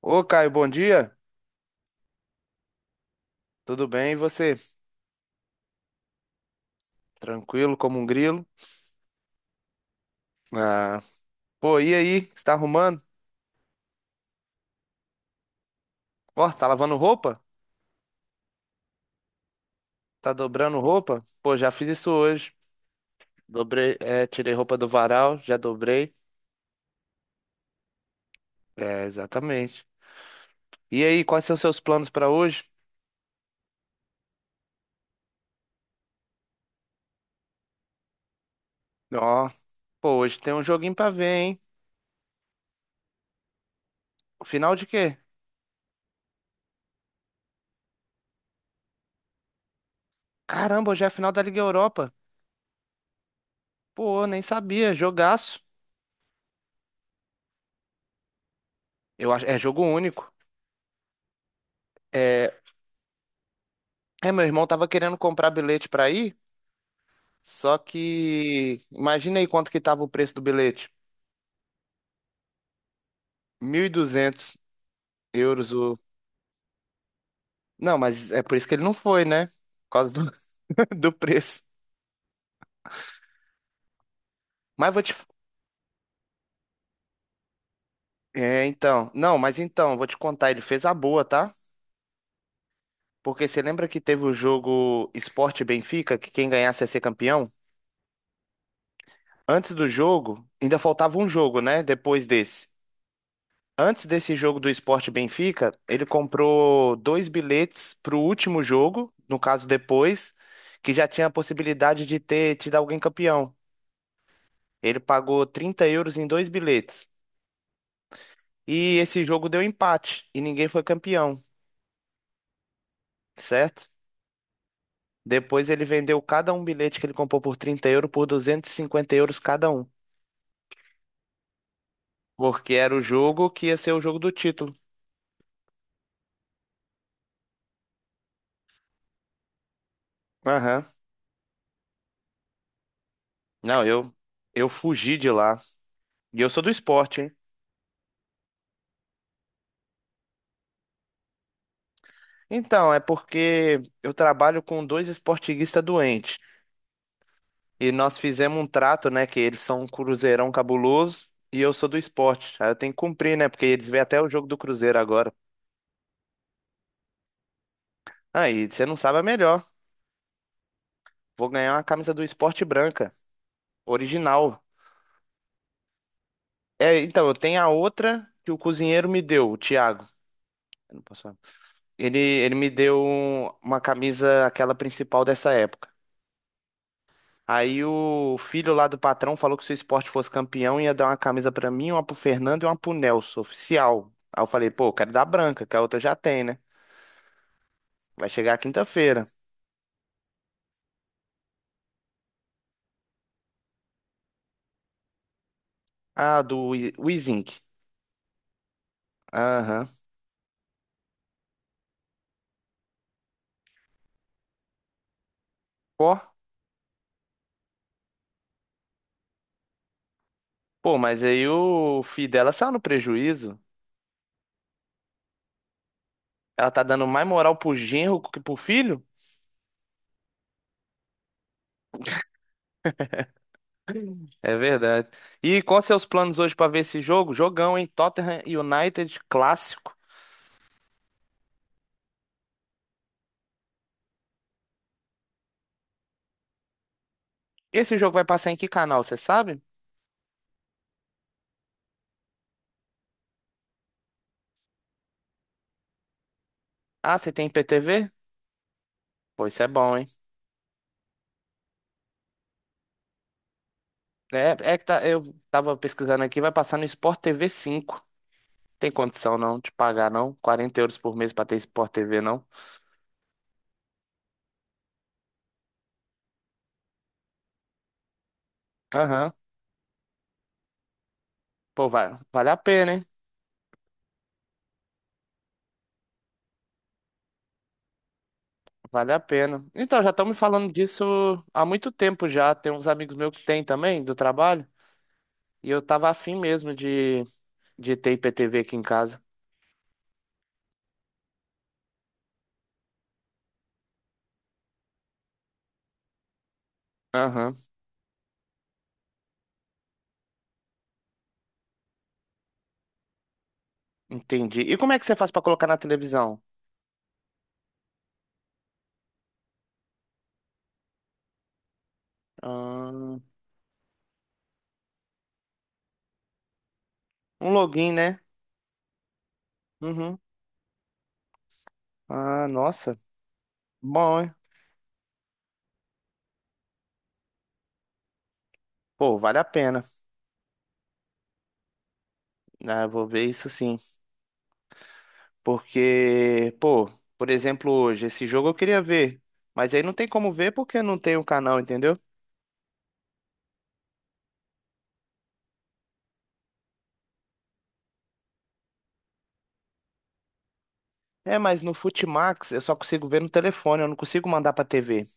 Ô, Caio, bom dia. Tudo bem? E você? Tranquilo como um grilo? Ah, pô, e aí? O que você tá arrumando? Ó, tá lavando roupa? Tá dobrando roupa? Pô, já fiz isso hoje. Dobrei, é, tirei roupa do varal, já dobrei. É, exatamente. E aí, quais são seus planos pra hoje? Ó, pô, hoje tem um joguinho pra ver, hein? Final de quê? Caramba, hoje é a final da Liga Europa. Pô, nem sabia. Jogaço. Eu acho, é jogo único. É, é, meu irmão tava querendo comprar bilhete pra ir. Só que imagina aí quanto que tava o preço do bilhete. Mil e duzentos euros o. Não, mas é por isso que ele não foi, né? Por causa do, do preço. Mas vou te. É, então. Não, mas então, vou te contar, ele fez a boa, tá? Porque você lembra que teve o jogo Sport e Benfica, que quem ganhasse ia ser campeão? Antes do jogo, ainda faltava um jogo, né? Depois desse. Antes desse jogo do Sport Benfica, ele comprou dois bilhetes para o último jogo, no caso depois, que já tinha a possibilidade de ter tido alguém campeão. Ele pagou €30 em dois bilhetes. E esse jogo deu empate e ninguém foi campeão, certo? Depois ele vendeu cada um bilhete que ele comprou por €30 por €250 cada um, porque era o jogo que ia ser o jogo do título. Aham. Não, eu fugi de lá. E eu sou do esporte, hein? Então, é porque eu trabalho com dois esportiguistas doentes. E nós fizemos um trato, né? Que eles são um cruzeirão cabuloso e eu sou do esporte. Aí eu tenho que cumprir, né? Porque eles vêm até o jogo do Cruzeiro agora. Aí, você não sabe, é melhor. Vou ganhar uma camisa do esporte branca, original. É, então, eu tenho a outra que o cozinheiro me deu, o Thiago. Eu não posso falar. Ele me deu uma camisa, aquela principal dessa época. Aí o filho lá do patrão falou que se o esporte fosse campeão, ia dar uma camisa pra mim, uma pro Fernando e uma pro Nelson, oficial. Aí eu falei, pô, eu quero dar branca, que a outra já tem, né? Vai chegar quinta-feira. Ah, o Izink. Aham. Pô, pô, mas aí o filho dela saiu no prejuízo. Ela tá dando mais moral pro genro que pro filho? É verdade. E quais seus planos hoje pra ver esse jogo? Jogão, hein? Tottenham United, clássico. Esse jogo vai passar em que canal, você sabe? Ah, você tem IPTV? Pô, isso é bom, hein? É, é que tá, eu tava pesquisando aqui, vai passar no Sport TV 5. Tem condição não de pagar, não? €40 por mês pra ter Sport TV, não? Aham. Pô, vai, vale a pena, hein? Vale a pena. Então, já estão me falando disso há muito tempo já. Tem uns amigos meus que têm também, do trabalho. E eu tava afim mesmo de ter IPTV aqui em casa. Aham, entendi. E como é que você faz pra colocar na televisão? Ah, um login, né? Uhum. Ah, nossa. Bom, hein? Pô, vale a pena. Ah, eu vou ver isso sim. Porque, pô, por exemplo, hoje, esse jogo eu queria ver. Mas aí não tem como ver porque não tem o canal, entendeu? É, mas no Futimax eu só consigo ver no telefone, eu não consigo mandar pra TV.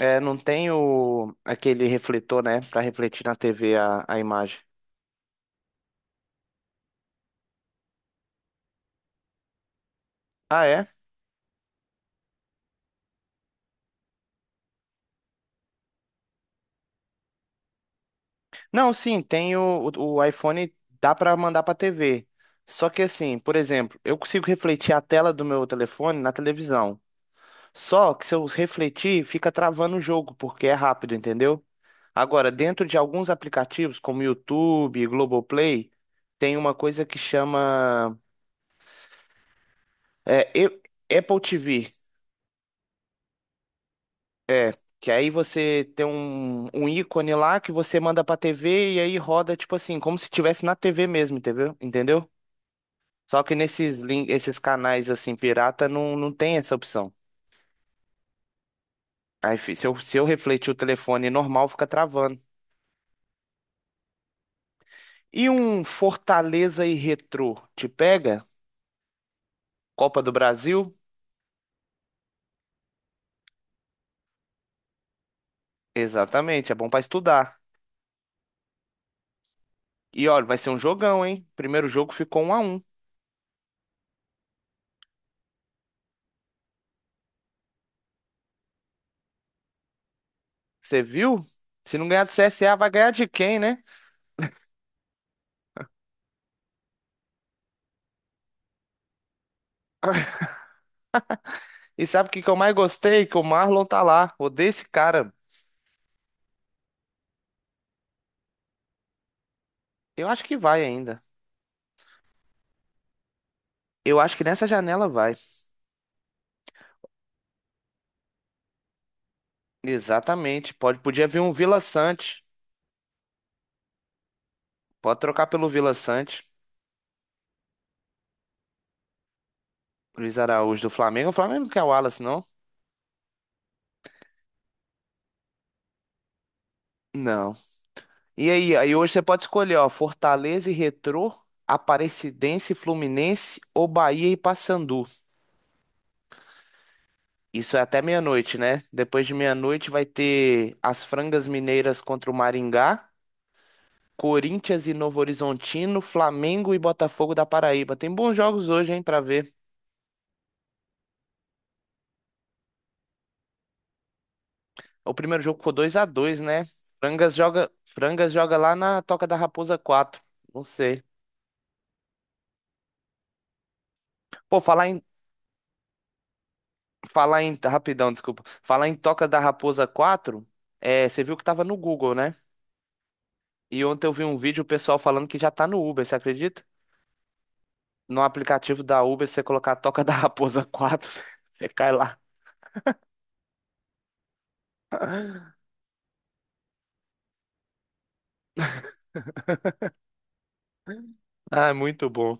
É, não tem aquele refletor, né? Pra refletir na TV a imagem. Ah, é? Não, sim, tem o iPhone, dá pra mandar pra TV. Só que assim, por exemplo, eu consigo refletir a tela do meu telefone na televisão. Só que se eu refletir, fica travando o jogo, porque é rápido, entendeu? Agora, dentro de alguns aplicativos, como YouTube, Globoplay, tem uma coisa que chama é, e- Apple TV. É, que aí você tem um, ícone lá que você manda pra TV e aí roda, tipo assim, como se tivesse na TV mesmo, entendeu? Entendeu? Só que nesses, esses canais, assim, pirata, não, não tem essa opção. Aí, se eu refletir o telefone normal, fica travando. E um Fortaleza e Retrô te pega? Copa do Brasil? Exatamente, é bom pra estudar. E olha, vai ser um jogão, hein? Primeiro jogo ficou 1-1. Você viu? Se não ganhar do CSA, vai ganhar de quem, né? E sabe o que que eu mais gostei? Que o Marlon tá lá. Odeio esse cara. Eu acho que vai ainda. Eu acho que nessa janela vai. Exatamente. Podia vir um Vila Sante. Pode trocar pelo Vila Sante. Luiz Araújo do Flamengo. O Flamengo não quer o Wallace, não? Não. E aí, hoje você pode escolher, ó, Fortaleza e Retrô, Aparecidense e Fluminense ou Bahia e Paysandu. Isso é até meia-noite, né? Depois de meia-noite vai ter as Frangas Mineiras contra o Maringá, Corinthians e Novo Horizontino, Flamengo e Botafogo da Paraíba. Tem bons jogos hoje, hein, pra ver. O primeiro jogo ficou 2-2, né? Frangas joga lá na Toca da Raposa quatro. Não sei. Pô, falar em Falar em. Rapidão, desculpa. Falar em Toca da Raposa quatro, você viu que tava no Google, né? E ontem eu vi um vídeo o pessoal falando que já tá no Uber, você acredita? No aplicativo da Uber, se você colocar Toca da Raposa quatro você cai lá. Ah, é muito bom.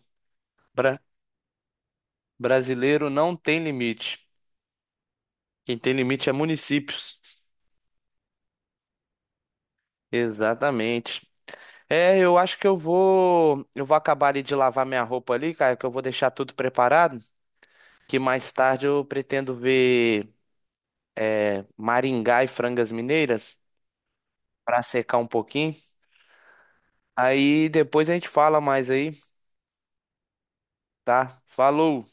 Bra- brasileiro não tem limite. Quem tem limite é municípios. Exatamente. É, eu acho que eu vou acabar ali de lavar minha roupa ali, cara, que eu vou deixar tudo preparado, que mais tarde eu pretendo ver Maringá e Frangas Mineiras para secar um pouquinho. Aí depois a gente fala mais aí, tá? Falou!